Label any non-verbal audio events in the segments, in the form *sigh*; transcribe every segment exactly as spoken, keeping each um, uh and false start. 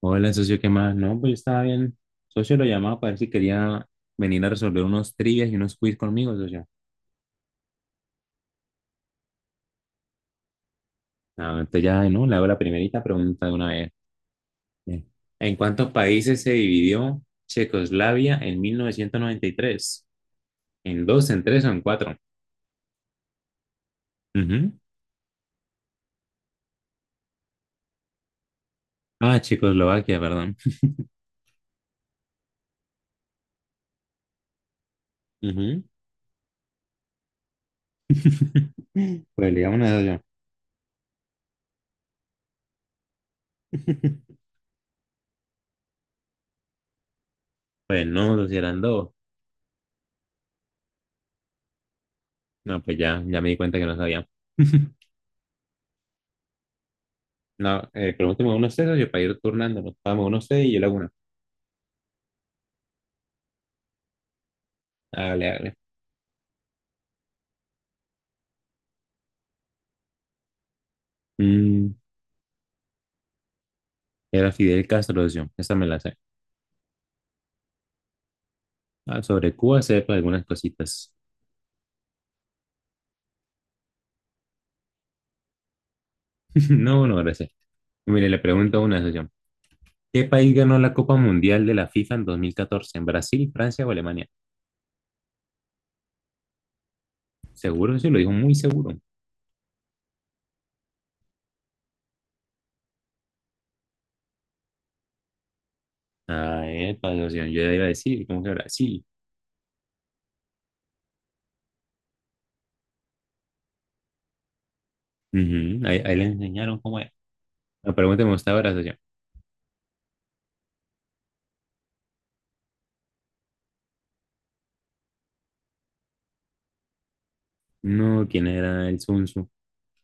Hola, socio, ¿qué más? No, pues yo estaba bien. Socio lo llamaba para ver si quería venir a resolver unos trivias y unos quiz conmigo, socio. Ah, entonces ya, ¿no? Le hago la primerita pregunta de una vez. Bien. ¿En cuántos países se dividió Checoslavia en mil novecientos noventa y tres? ¿En dos, en tres o en cuatro? Ujú. Ah, Checoslovaquia, perdón. Ujú. *laughs* Pues digamos eso yo. *laughs* Pues no, socio, eran dos. No, pues ya, ya me di cuenta que no sabía. *laughs* No, eh, pregúnteme unos sesos y para ir turnándonos. Vamos, uno sé y yo le hago una. Hágale, hágale. Mm, era Fidel Castro, yo. Esa me la sé. Ah, sobre Cuba sé sepa algunas cositas. *laughs* No, no, gracias. Mire, le pregunto una sesión. ¿Qué país ganó la Copa Mundial de la FIFA en dos mil catorce? ¿En Brasil, Francia o Alemania? Seguro, sí, lo dijo muy seguro. Ah, epa, socio, yo ya iba a decir, ¿cómo que Brasil? Ujú, ahí, ahí le enseñaron cómo es. La pregunta me gustaba ahora, socio. No, ¿quién era el Sun Tzu?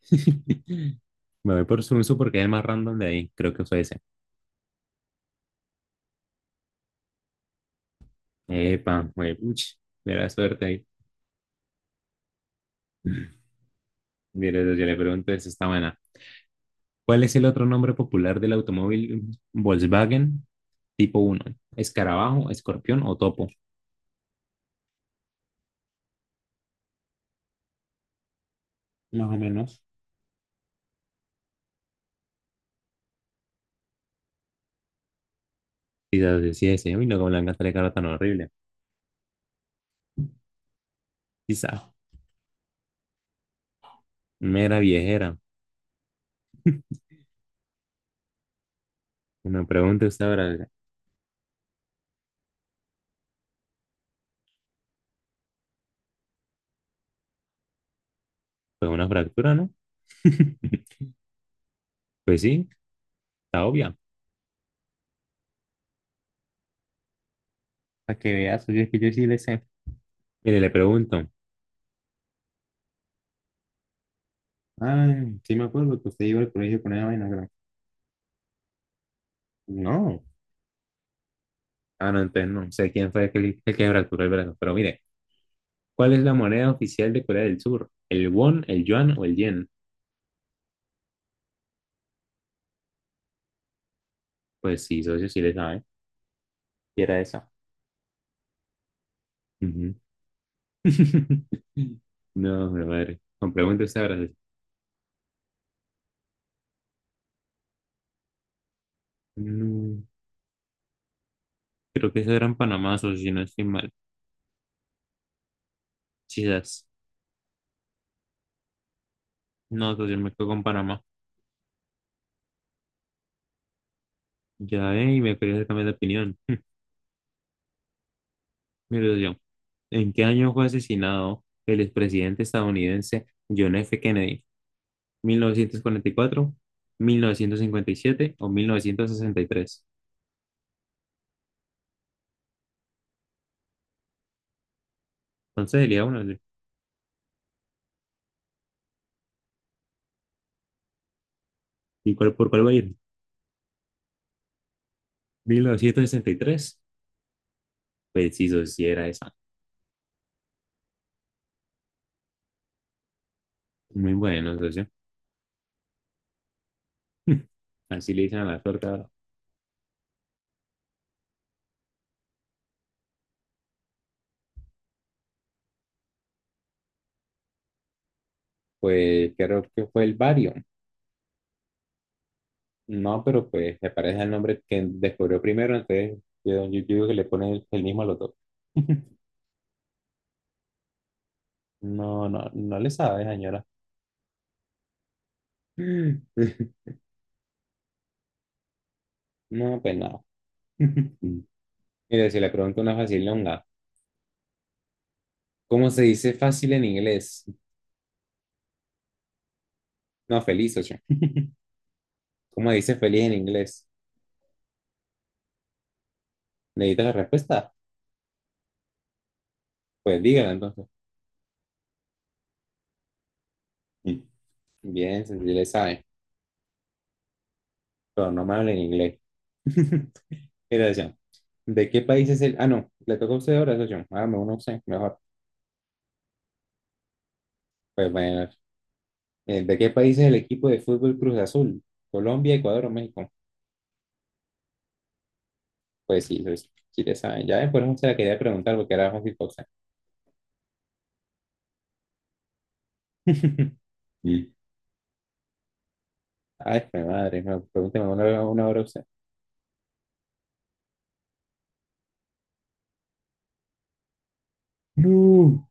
*laughs* Me voy por Sun Tzu porque es el más random de ahí. Creo que fue ese. Epa, juepuch, mera suerte ahí. *laughs* Mira, yo le pregunto, esa está buena. ¿Cuál es el otro nombre popular del automóvil Volkswagen tipo uno? ¿Escarabajo, escorpión o topo? Más o menos. Quizás decía ese, uy, no, como le han gastado la cara tan horrible. Quizá, mera viejera. Una pregunta, usted habrá, fue una fractura, ¿no? *laughs* Pues sí, está obvia. Para que veas, oye, es que yo sí le sé. Mire, le pregunto. Ay, sí me acuerdo que usted iba al colegio con esa vaina, creo. No. Ah, no, entonces no sé quién fue el que, el que fracturó el brazo. Pero mire, ¿cuál es la moneda oficial de Corea del Sur? ¿El won, el yuan o el yen? Pues sí, socio, sí le sabe. Y era esa. Ujú. *laughs* No, mi madre. Con preguntas ahora. No, creo que eso era en Panamá, socio, si no estoy mal. Quizás. No, socio, me quedo con Panamá. Ya ve, y me quería cambiar de opinión. *laughs* Mire, socio, ¿en qué año fue asesinado el expresidente estadounidense John F. Kennedy? mil mil novecientos novecientos cuarenta y cuatro, mil novecientos cincuenta y siete o mil novecientos sesenta y tres. Entonces sería uno, ¿no? ¿Y cuál, por cuál va a ir? Mil novecientos sesenta y tres. Preciso, si era esa. Muy bueno, socio. *laughs* Así le dicen a la suerte ahora. Pues creo que fue el bario. No, pero pues se parece al nombre que descubrió primero, entonces yo, yo digo que le ponen el, el mismo a los dos. *laughs* No, no, no le sabe, señora. *laughs* No, pues nada. *laughs* Mire, si le pregunto una facilonga. ¿Cómo se dice fácil en inglés? No, feliz, ocho. ¿Cómo se dice feliz en inglés? ¿Necesitas la respuesta? Pues dígala entonces. Mm. Bien, si le sabe, pero no me habla en inglés. *laughs* Mira, Ocean, ¿de qué país es el...? Ah, no, le toca a usted ahora, Ocean. Hágame una opción, mejor. Pues bueno, eh, ¿de qué país es el equipo de fútbol Cruz Azul? ¿Colombia, Ecuador o México? Pues sí, sí, sí le saben. Ya después no se la quería preguntar porque era muy cosa. *laughs* Mm. Ay, mi madre, no, pregúnteme una, una, hora a usted. No.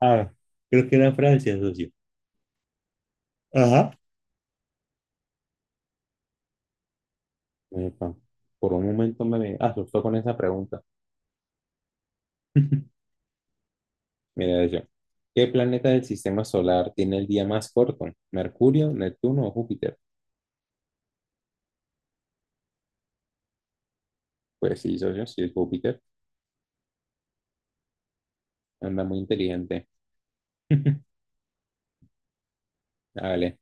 Ah, creo que era Francia, socio. Ajá. Epa, por un momento me asustó con esa pregunta. *laughs* Mira yo. ¿Qué planeta del sistema solar tiene el día más corto? ¿Mercurio, Neptuno o Júpiter? Pues sí, socio, sí es Júpiter. Anda muy inteligente. *laughs* Dale.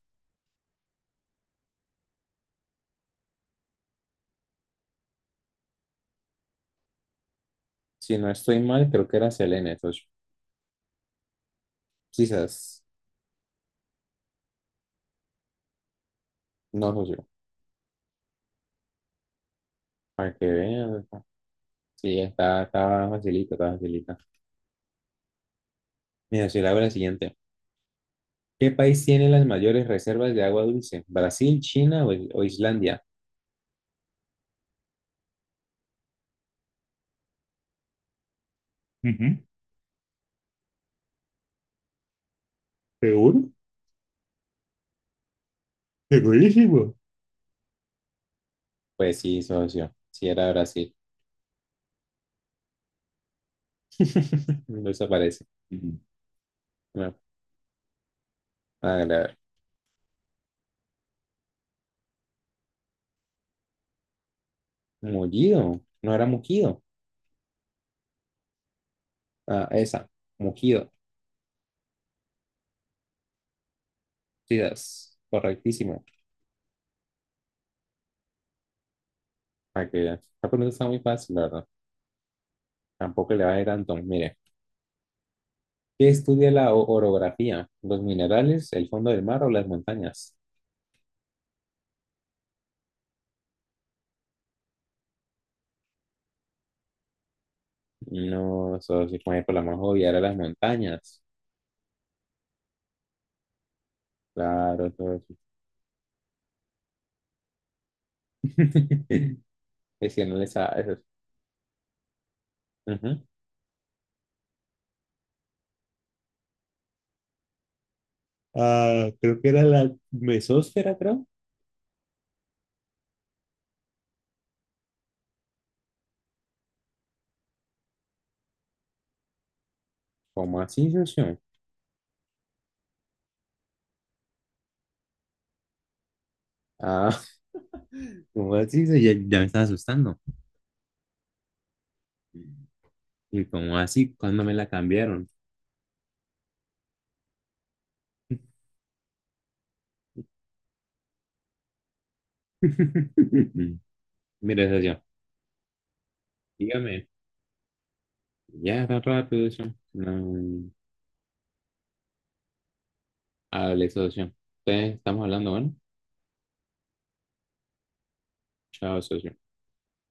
Si no estoy mal, creo que era Selene, socio. Quizás. No, socio. Para que vean. Sí, está, está facilita, está facilita. Mira, si le hago la siguiente. ¿Qué país tiene las mayores reservas de agua dulce? ¿Brasil, China o, o Islandia? Ujú. Seguro, segurísimo. Pues sí, socio. Si era Brasil. *laughs* No se parece. Ujú. Bueno, hágale, a ver. Mullido. No era mugido. Ah, esa. Mugido. Sí, es correctísimo. Para que vea. La pregunta está muy fácil, la verdad. Tampoco le va a ir tanto. Mire. ¿Qué estudia la o- orografía? ¿Los minerales, el fondo del mar o las montañas? No, socio, como por la más obvia era las montañas. Claro, todo eso. *laughs* Es que no le sabes. Ujú. Ah, creo que era la mesósfera, creo. ¿Cómo así, socio? Ah, *laughs* ¿cómo así, socio? Ya, ya me estaba asustando. ¿Y cómo así? ¿Cuándo me la cambiaron? *laughs* Mire, socio, dígame. Ya, tan rápido, socio. No, hable, socio. Ustedes estamos hablando, bueno. Chao, socio.